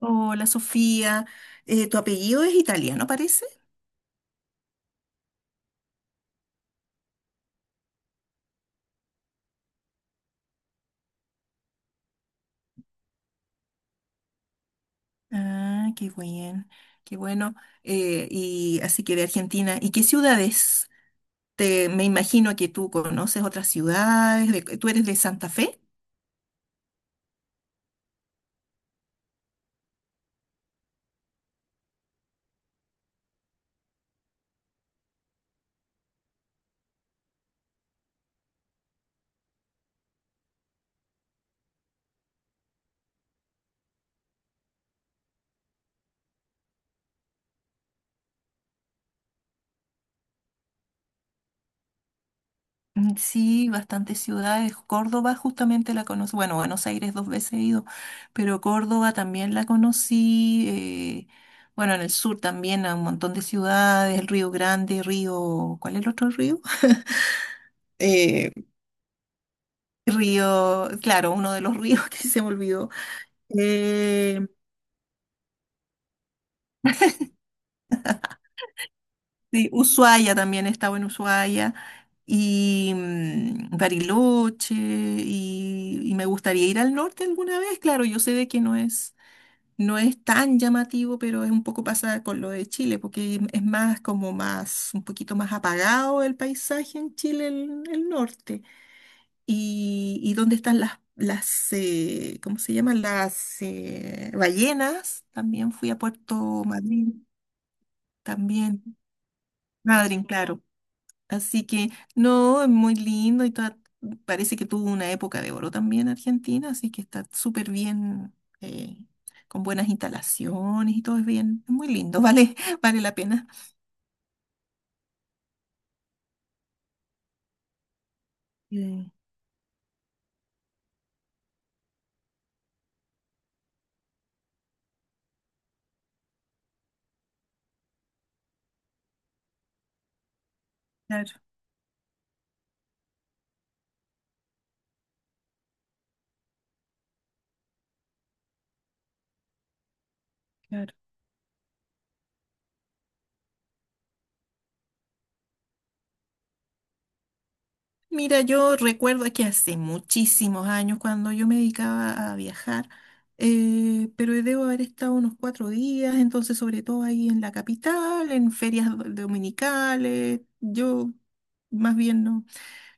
Hola Sofía. Tu apellido es italiano, parece. Ah, qué bien, qué bueno. Y así que de Argentina. ¿Y qué ciudades? Me imagino que tú conoces otras ciudades. ¿Tú eres de Santa Fe? Sí, bastantes ciudades. Córdoba justamente la conocí. Bueno, Buenos Aires dos veces he ido, pero Córdoba también la conocí. Bueno, en el sur también a un montón de ciudades, el Río Grande, Río... ¿Cuál es el otro río? Eh, Río, claro, uno de los ríos que se me olvidó. Eh, sí, Ushuaia, también estaba en Ushuaia. Y Bariloche, y me gustaría ir al norte alguna vez. Claro, yo sé de que no es tan llamativo, pero es un poco pasada con lo de Chile, porque es más como más, un poquito más apagado el paisaje en Chile, el norte. Y dónde están las ¿cómo se llaman? Las ballenas. También fui a Puerto Madryn, también. Madryn, claro. Así que, no, es muy lindo y parece que tuvo una época de oro también Argentina, así que está súper bien, eh, con buenas instalaciones y todo es bien, es muy lindo, vale, vale la pena. Mm, claro, claro. Mira, yo recuerdo que hace muchísimos años cuando yo me dedicaba a viajar, pero debo haber estado unos cuatro días, entonces sobre todo ahí en la capital, en ferias dominicales, yo más bien no.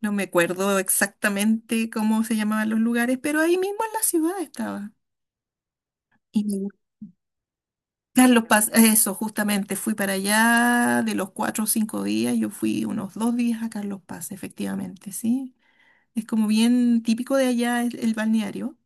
No me acuerdo exactamente cómo se llamaban los lugares, pero ahí mismo en la ciudad estaba. Y me gust- Carlos Paz, eso, justamente, fui para allá de los cuatro o cinco días, yo fui unos dos días a Carlos Paz, efectivamente, ¿sí? Es como bien típico de allá el balneario.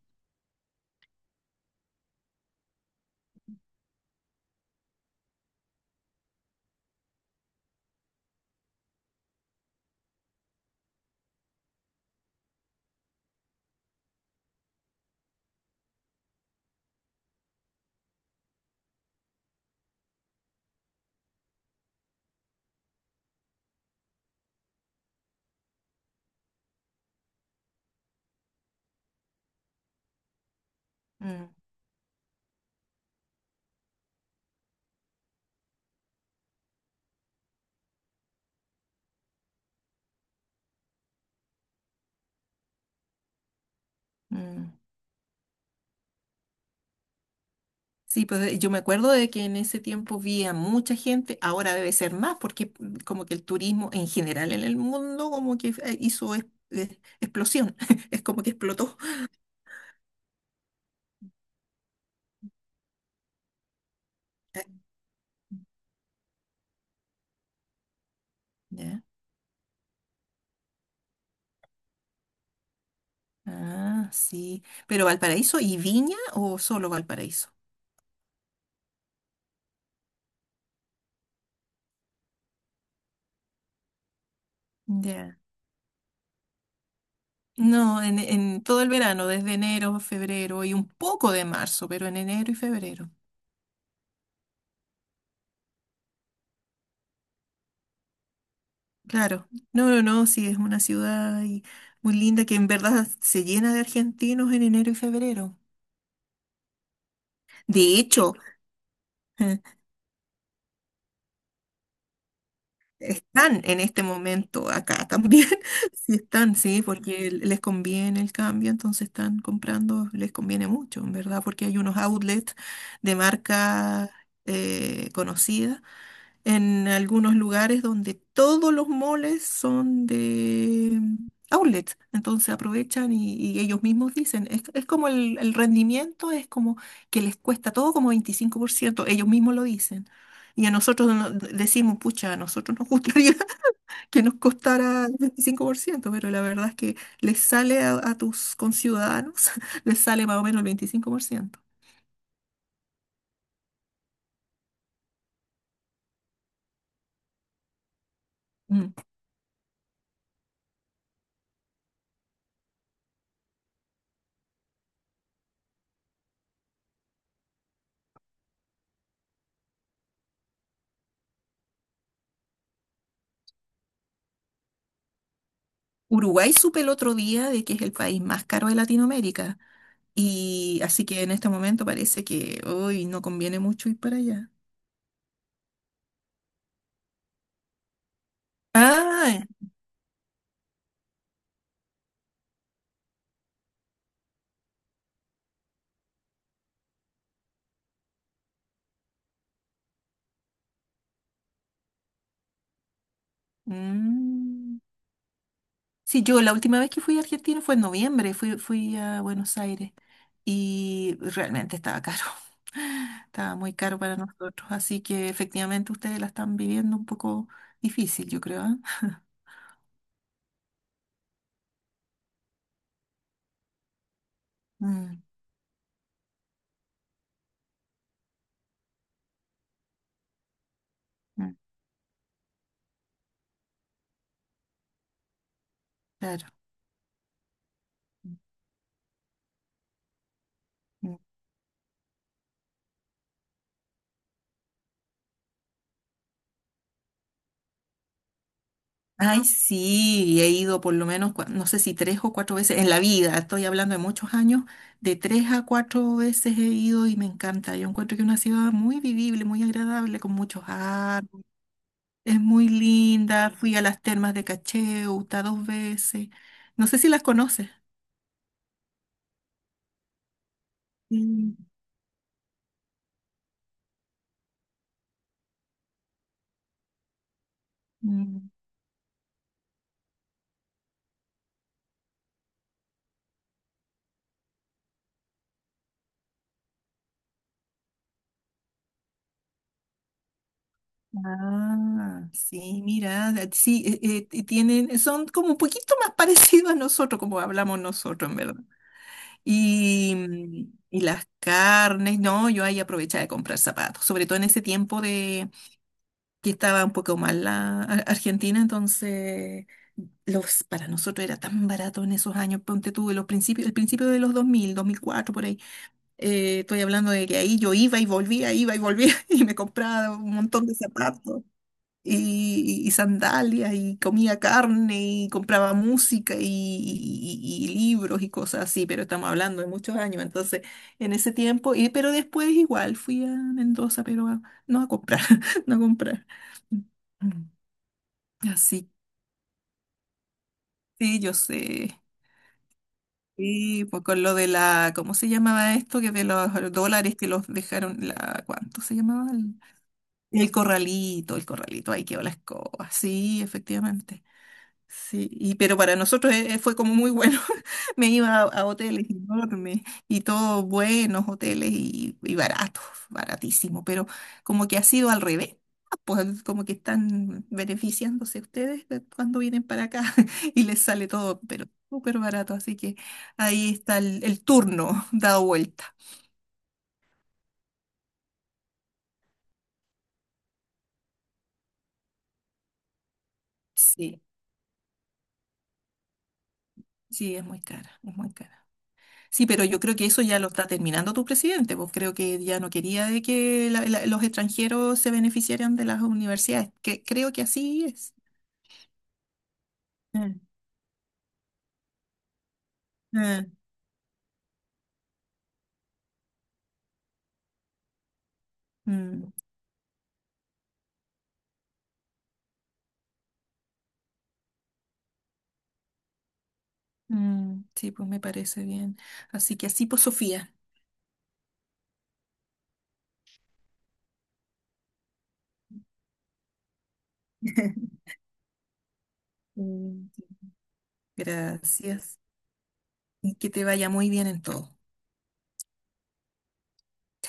Mm, mm. Sí, pues yo me acuerdo de que en ese tiempo vi a mucha gente, ahora debe ser más, porque mm, como que el turismo en general en el mundo como que explosión, es como que explotó. ¿Ya? Ah, sí. ¿Pero Valparaíso y Viña o solo Valparaíso? Ya. No, en todo el verano, desde enero, febrero y un poco de marzo, pero en enero y febrero. Claro. No, no, no, sí, es una ciudad y- muy linda que en verdad se llena de argentinos en enero y febrero. De hecho, están en este momento acá también. Sí están, sí, porque les conviene el cambio, entonces están comprando, les conviene mucho, en verdad, porque hay unos outlets de marcas conocidas en algunos lugares donde todos los moles son de mm, outlets. Entonces aprovechan y ellos mismos dicen, es como el rendimiento, es como que les cuesta todo como veinticinco por ciento, ellos mismos lo dicen. Y a nosotros decimos, pucha, a nosotros nos gustaría que nos costara el veinticinco por ciento, pero la verdad es que les sale a tus conciudadanos, les sale más o menos el 25%. Mm. Uruguay supe el otro día de que es el país más caro de Latinoamérica. Y así que en este momento parece que hoy no conviene mucho ir para allá. Ah, mm. Sí, yo la última vez que fui a Argentina fue en noviembre, fui, fui a Buenos Aires y realmente estaba caro, estaba muy caro para nosotros, así que efectivamente ustedes la están viviendo un poco difícil, yo creo, ¿ah? Mm, mm, claro. Mm, mm. Ay, sí, he ido por lo menos, no sé si tres o cuatro veces en la vida, estoy hablando de muchos años, de tres a cuatro veces he ido y me encanta. Yo encuentro que es una ciudad muy vivible, muy agradable, con muchos árboles, es muy linda. Fui a las termas de Cacheuta dos veces, no sé si las conoces. Sí. Mm. Ah, sí, mira, sí, y tienen, son como un poquito más parecidos a nosotros, como hablamos nosotros, en verdad. Y, mm, y las carnes, no, yo ahí aprovechaba de comprar zapatos, sobre todo en ese tiempo de que estaba un poco mal la Argentina, entonces los, para nosotros era tan barato en esos años, ponte tú, en los principios, el principio de los dos mil, dos mil cuatro por ahí, estoy hablando de que ahí yo iba y volvía y me compraba un montón de zapatos y sandalias y comía carne y compraba música y libros y cosas así, pero estamos hablando de muchos años, entonces en ese tiempo, y, pero después igual fui a Mendoza, no a comprar, no a comprar. Mm. Así sí yo sé. Sí, pues con lo de la, ¿cómo se llamaba esto? Que de los dólares que los dejaron, la, ¿cuánto se llamaba? El corralito, ahí quedó la escoba. Sí, efectivamente. Pero para nosotros fue como muy bueno. Me iba a hoteles enormes y todos buenos hoteles y baratos, baratísimo, pero como que ha sido al revés. Pues como que están beneficiándose ustedes de cuando vienen para acá y les sale todo, pero súper barato. Así que ahí está el turno dado vuelta. Sí, sí, es muy cara, es muy cara. Sí, pero yo creo que eso ya lo está terminando tu presidente, pues creo que ya no quería de que los extranjeros se beneficiaran de las universidades, que creo que así es. Mm, mm, mm, mm, sí, pues me parece bien. Así que así, pues Sofía. Mm, sí, gracias y que te vaya muy bien en todo.